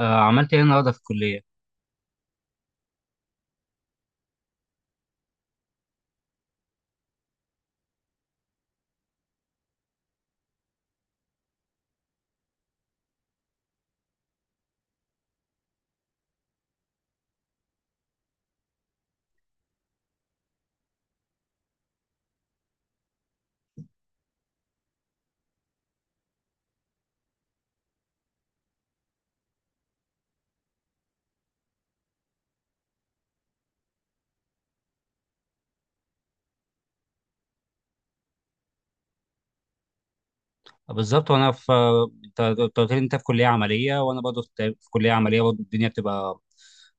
عملت ايه النهارده في الكليه؟ آه، بالظبط. وانا في، أنت قلت لي انت في كليه عمليه وانا برضه في كليه عمليه برضه. الدنيا بتبقى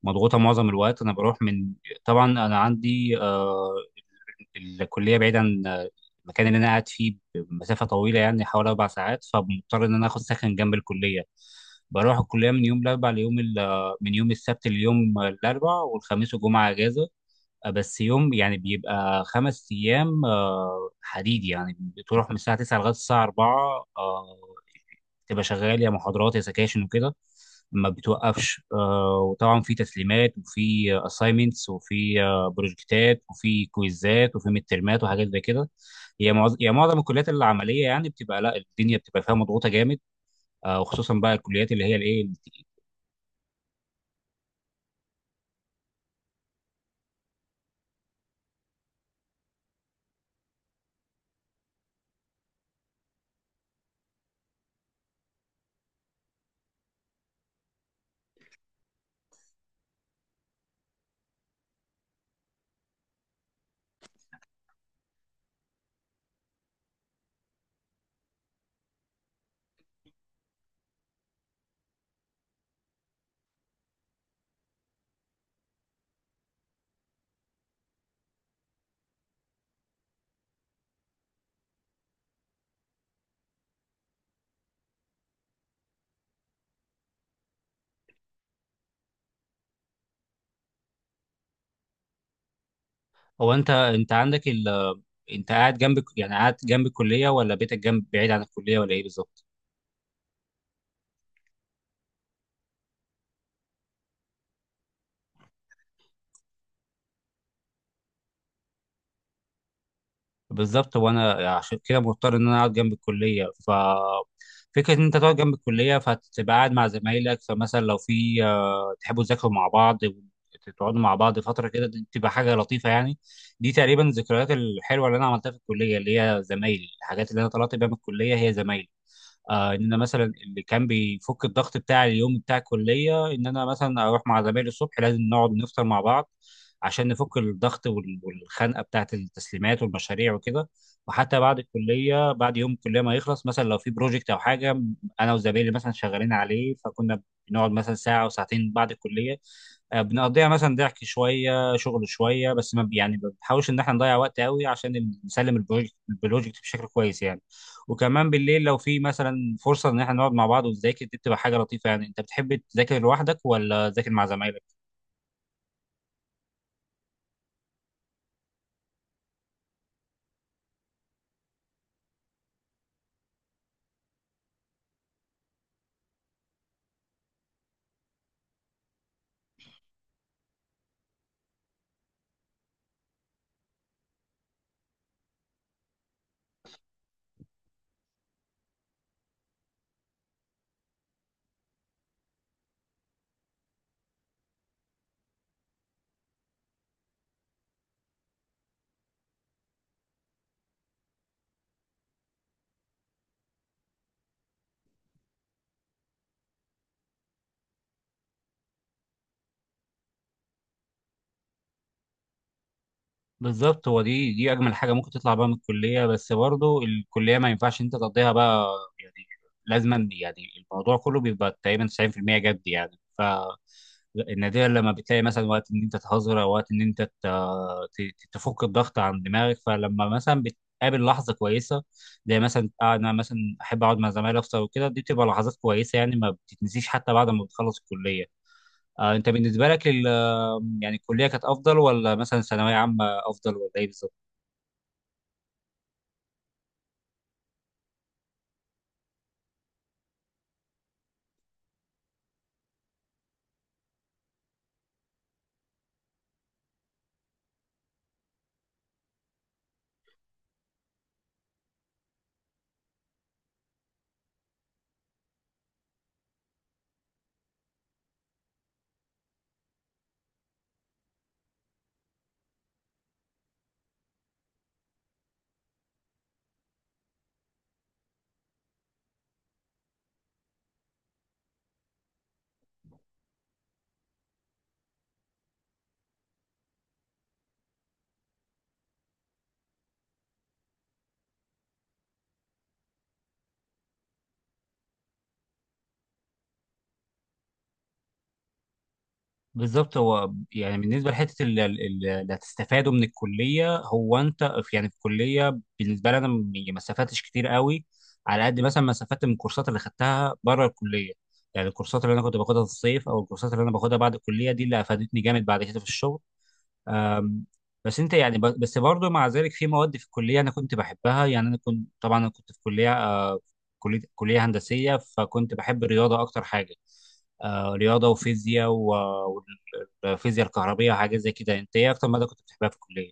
مضغوطه معظم الوقت. انا بروح من، طبعا انا عندي الكليه بعيد عن المكان اللي انا قاعد فيه بمسافه طويله، يعني حوالي اربع ساعات، فمضطر ان انا اخد سكن جنب الكليه. بروح الكليه من يوم الاربعاء ليوم من يوم السبت ليوم الاربعاء، والخميس والجمعه اجازه. بس يوم يعني بيبقى خمس ايام حديد، يعني بتروح من الساعه 9 لغايه الساعه 4. تبقى شغال يا محاضرات يا سكاشن وكده، ما بتوقفش. وطبعا في تسليمات، وفي اساينمنتس، وفي بروجكتات، وفي كويزات، وفي مترمات، وحاجات زي كده. هي معظم الكليات العمليه يعني بتبقى، لا، الدنيا بتبقى فيها مضغوطه جامد. وخصوصا بقى الكليات اللي هي الايه. هو انت عندك انت قاعد جنب، يعني قاعد جنب الكليه، ولا بيتك جنب بعيد عن الكليه، ولا ايه بالظبط؟ بالظبط، وانا عشان كده مضطر ان انا اقعد جنب الكليه. ف فكره ان انت تقعد جنب الكليه فهتبقى قاعد مع زمايلك، فمثلا لو في تحبوا تذاكروا مع بعض، تقعدوا مع بعض فتره كده، دي بتبقى حاجه لطيفه يعني. دي تقريبا الذكريات الحلوه اللي انا عملتها في الكليه، اللي هي زمايلي، الحاجات اللي انا طلعت بيها من الكليه هي زمايلي. آه، ان انا مثلا اللي كان بيفك الضغط بتاع اليوم بتاع الكليه ان انا مثلا اروح مع زمايلي الصبح، لازم نقعد نفطر مع بعض عشان نفك الضغط والخنقه بتاعت التسليمات والمشاريع وكده. وحتى بعد الكليه، بعد يوم الكليه ما يخلص، مثلا لو في بروجكت او حاجه انا وزمايلي مثلا شغالين عليه، فكنا بنقعد مثلا ساعه او ساعتين بعد الكليه. بنقضيها مثلا ضحك شويه شغل شويه، بس ما بي- يعني ما بنحاولش ان احنا نضيع وقت قوي عشان نسلم البروجكت بشكل كويس يعني. وكمان بالليل لو في مثلا فرصه ان احنا نقعد مع بعض ونذاكر، دي بتبقى حاجه لطيفه يعني. انت بتحب تذاكر لوحدك، ولا تذاكر مع زمايلك؟ بالظبط. هو دي اجمل حاجه ممكن تطلع بقى من الكليه، بس برضو الكليه ما ينفعش انت تقضيها بقى يعني، لازما يعني. الموضوع كله بيبقى تقريبا 90% جد يعني. ف النادرا لما بتلاقي مثلا وقت ان انت تهزر، او وقت ان انت تفك الضغط عن دماغك، فلما مثلا بتقابل لحظه كويسه، زي مثلا انا مثلا احب اقعد مع زمايلي افطر وكده، دي بتبقى لحظات كويسه يعني، ما بتتنسيش حتى بعد ما بتخلص الكليه. انت بالنسبه لك يعني الكليه كانت افضل، ولا مثلا ثانويه عامه افضل، ولا ايه بالظبط؟ بالظبط. هو يعني بالنسبه لحته اللي هتستفاده من الكليه. هو انت في، يعني في الكليه بالنسبه لي انا يعني ما استفدتش كتير قوي، على قد مثلا ما استفدت من الكورسات اللي خدتها بره الكليه. يعني الكورسات اللي انا كنت باخدها في الصيف، او الكورسات اللي انا باخدها بعد الكليه، دي اللي افادتني جامد بعد كده في الشغل. أم، بس انت يعني بس برضه مع ذلك في مواد في الكليه انا كنت بحبها يعني. انا كنت طبعا انا كنت في كليه كليه هندسيه، فكنت بحب الرياضه اكتر حاجه. رياضه وفيزياء، الفيزياء الكهربية وحاجات زي كده. انت ايه اكتر مادة كنت بتحبها في الكلية؟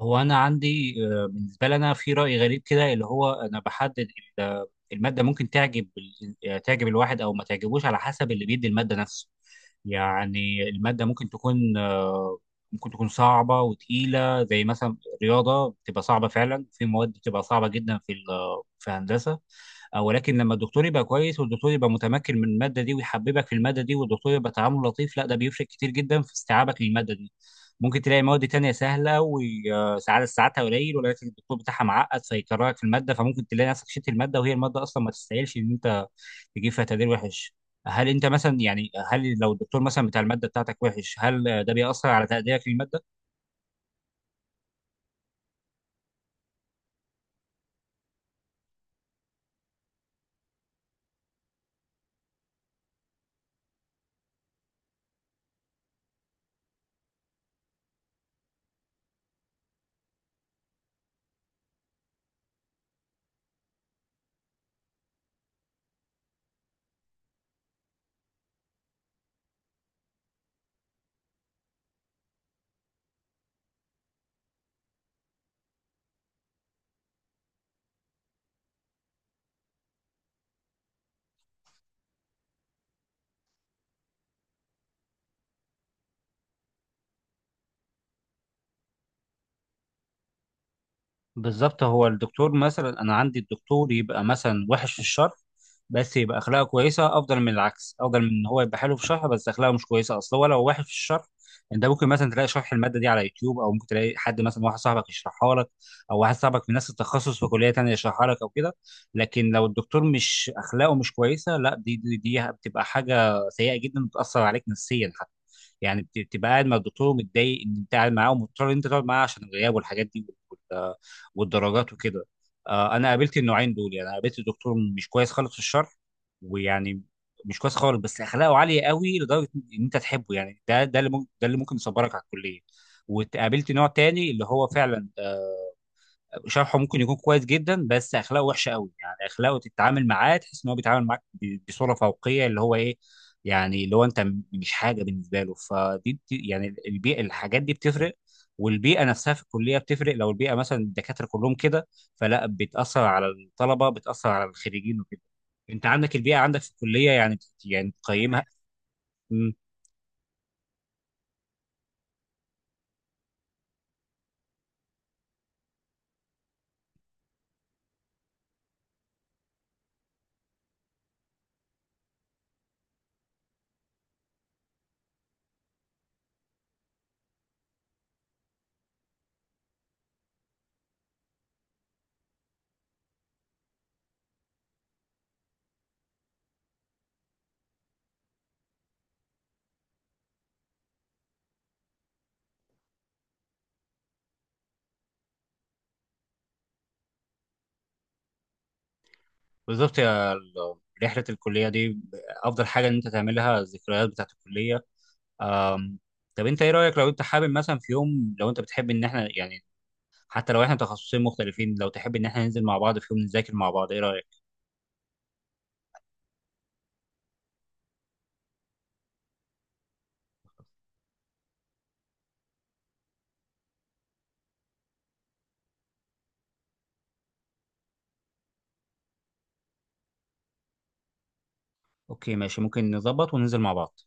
هو انا عندي بالنسبة لي انا في رأي غريب كده، اللي هو انا بحدد ال- المادة ممكن تعجب يعني تعجب الواحد او ما تعجبوش على حسب اللي بيدي المادة نفسه. يعني المادة ممكن تكون ممكن تكون صعبة وتقيلة، زي مثلا رياضة بتبقى صعبة، فعلا في مواد بتبقى صعبة جدا في في هندسة أو، ولكن لما الدكتور يبقى كويس، والدكتور يبقى متمكن من الماده دي ويحببك في الماده دي، والدكتور يبقى تعامله لطيف، لا، ده بيفرق كتير جدا في استيعابك للماده دي. ممكن تلاقي مواد تانية سهله وساعات ساعاتها قليل، ولكن الدكتور بتاعها معقد فيكرهك في الماده، فممكن تلاقي نفسك شلت الماده وهي الماده اصلا ما تستاهلش ان انت تجيب فيها تقدير وحش. هل انت مثلا يعني، هل لو الدكتور مثلا بتاع الماده بتاعتك وحش، هل ده بيأثر على تقديرك للماده؟ بالظبط. هو الدكتور مثلا انا عندي الدكتور يبقى مثلا وحش في الشرح، بس يبقى اخلاقه كويسه، افضل من العكس، افضل من ان هو يبقى حلو في الشرح بس اخلاقه مش كويسه. اصل هو لو وحش في الشرح انت ممكن مثلا تلاقي شرح الماده دي على يوتيوب، او ممكن تلاقي حد مثلا واحد صاحبك يشرحها لك، او واحد صاحبك من نفس التخصص في كليه تانيه يشرحها لك او كده. لكن لو الدكتور مش اخلاقه مش كويسه، لا، دي بتبقى حاجه سيئه جدا، بتاثر عليك نفسيا حتى. يعني بتبقى قاعد مع الدكتور متضايق ان انت قاعد معاه، ومضطر ان انت تقعد معاه عشان الغياب والحاجات دي والدرجات وكده. انا قابلت النوعين دول. يعني أنا قابلت دكتور مش كويس خالص في الشرح، ويعني مش كويس خالص، بس اخلاقه عاليه قوي لدرجه ان انت تحبه يعني. ده اللي ممكن، ده اللي ممكن يصبرك على الكليه. وقابلت نوع تاني اللي هو فعلا شرحه ممكن يكون كويس جدا، بس اخلاقه وحشه قوي، يعني اخلاقه تتعامل معاه تحس ان هو بيتعامل معاك بصوره فوقيه، اللي هو ايه، يعني اللي هو انت مش حاجه بالنسبه له. فدي يعني البيئه، الحاجات دي بتفرق. والبيئه نفسها في الكليه بتفرق. لو البيئه مثلا الدكاتره كلهم كده، فلا، بتاثر على الطلبه، بتاثر على الخريجين وكده. انت عندك البيئه، عندك في الكليه، يعني يعني تقيمها؟ مم. بالظبط يا رحله الكليه دي افضل حاجه ان انت تعملها، الذكريات بتاعت الكليه. أم، طب انت ايه رايك لو انت حابب مثلا في يوم، لو انت بتحب ان احنا يعني، حتى لو احنا تخصصين مختلفين، لو تحب ان احنا ننزل مع بعض في يوم نذاكر مع بعض، ايه رايك؟ اوكي ماشي، ممكن نظبط وننزل مع بعض.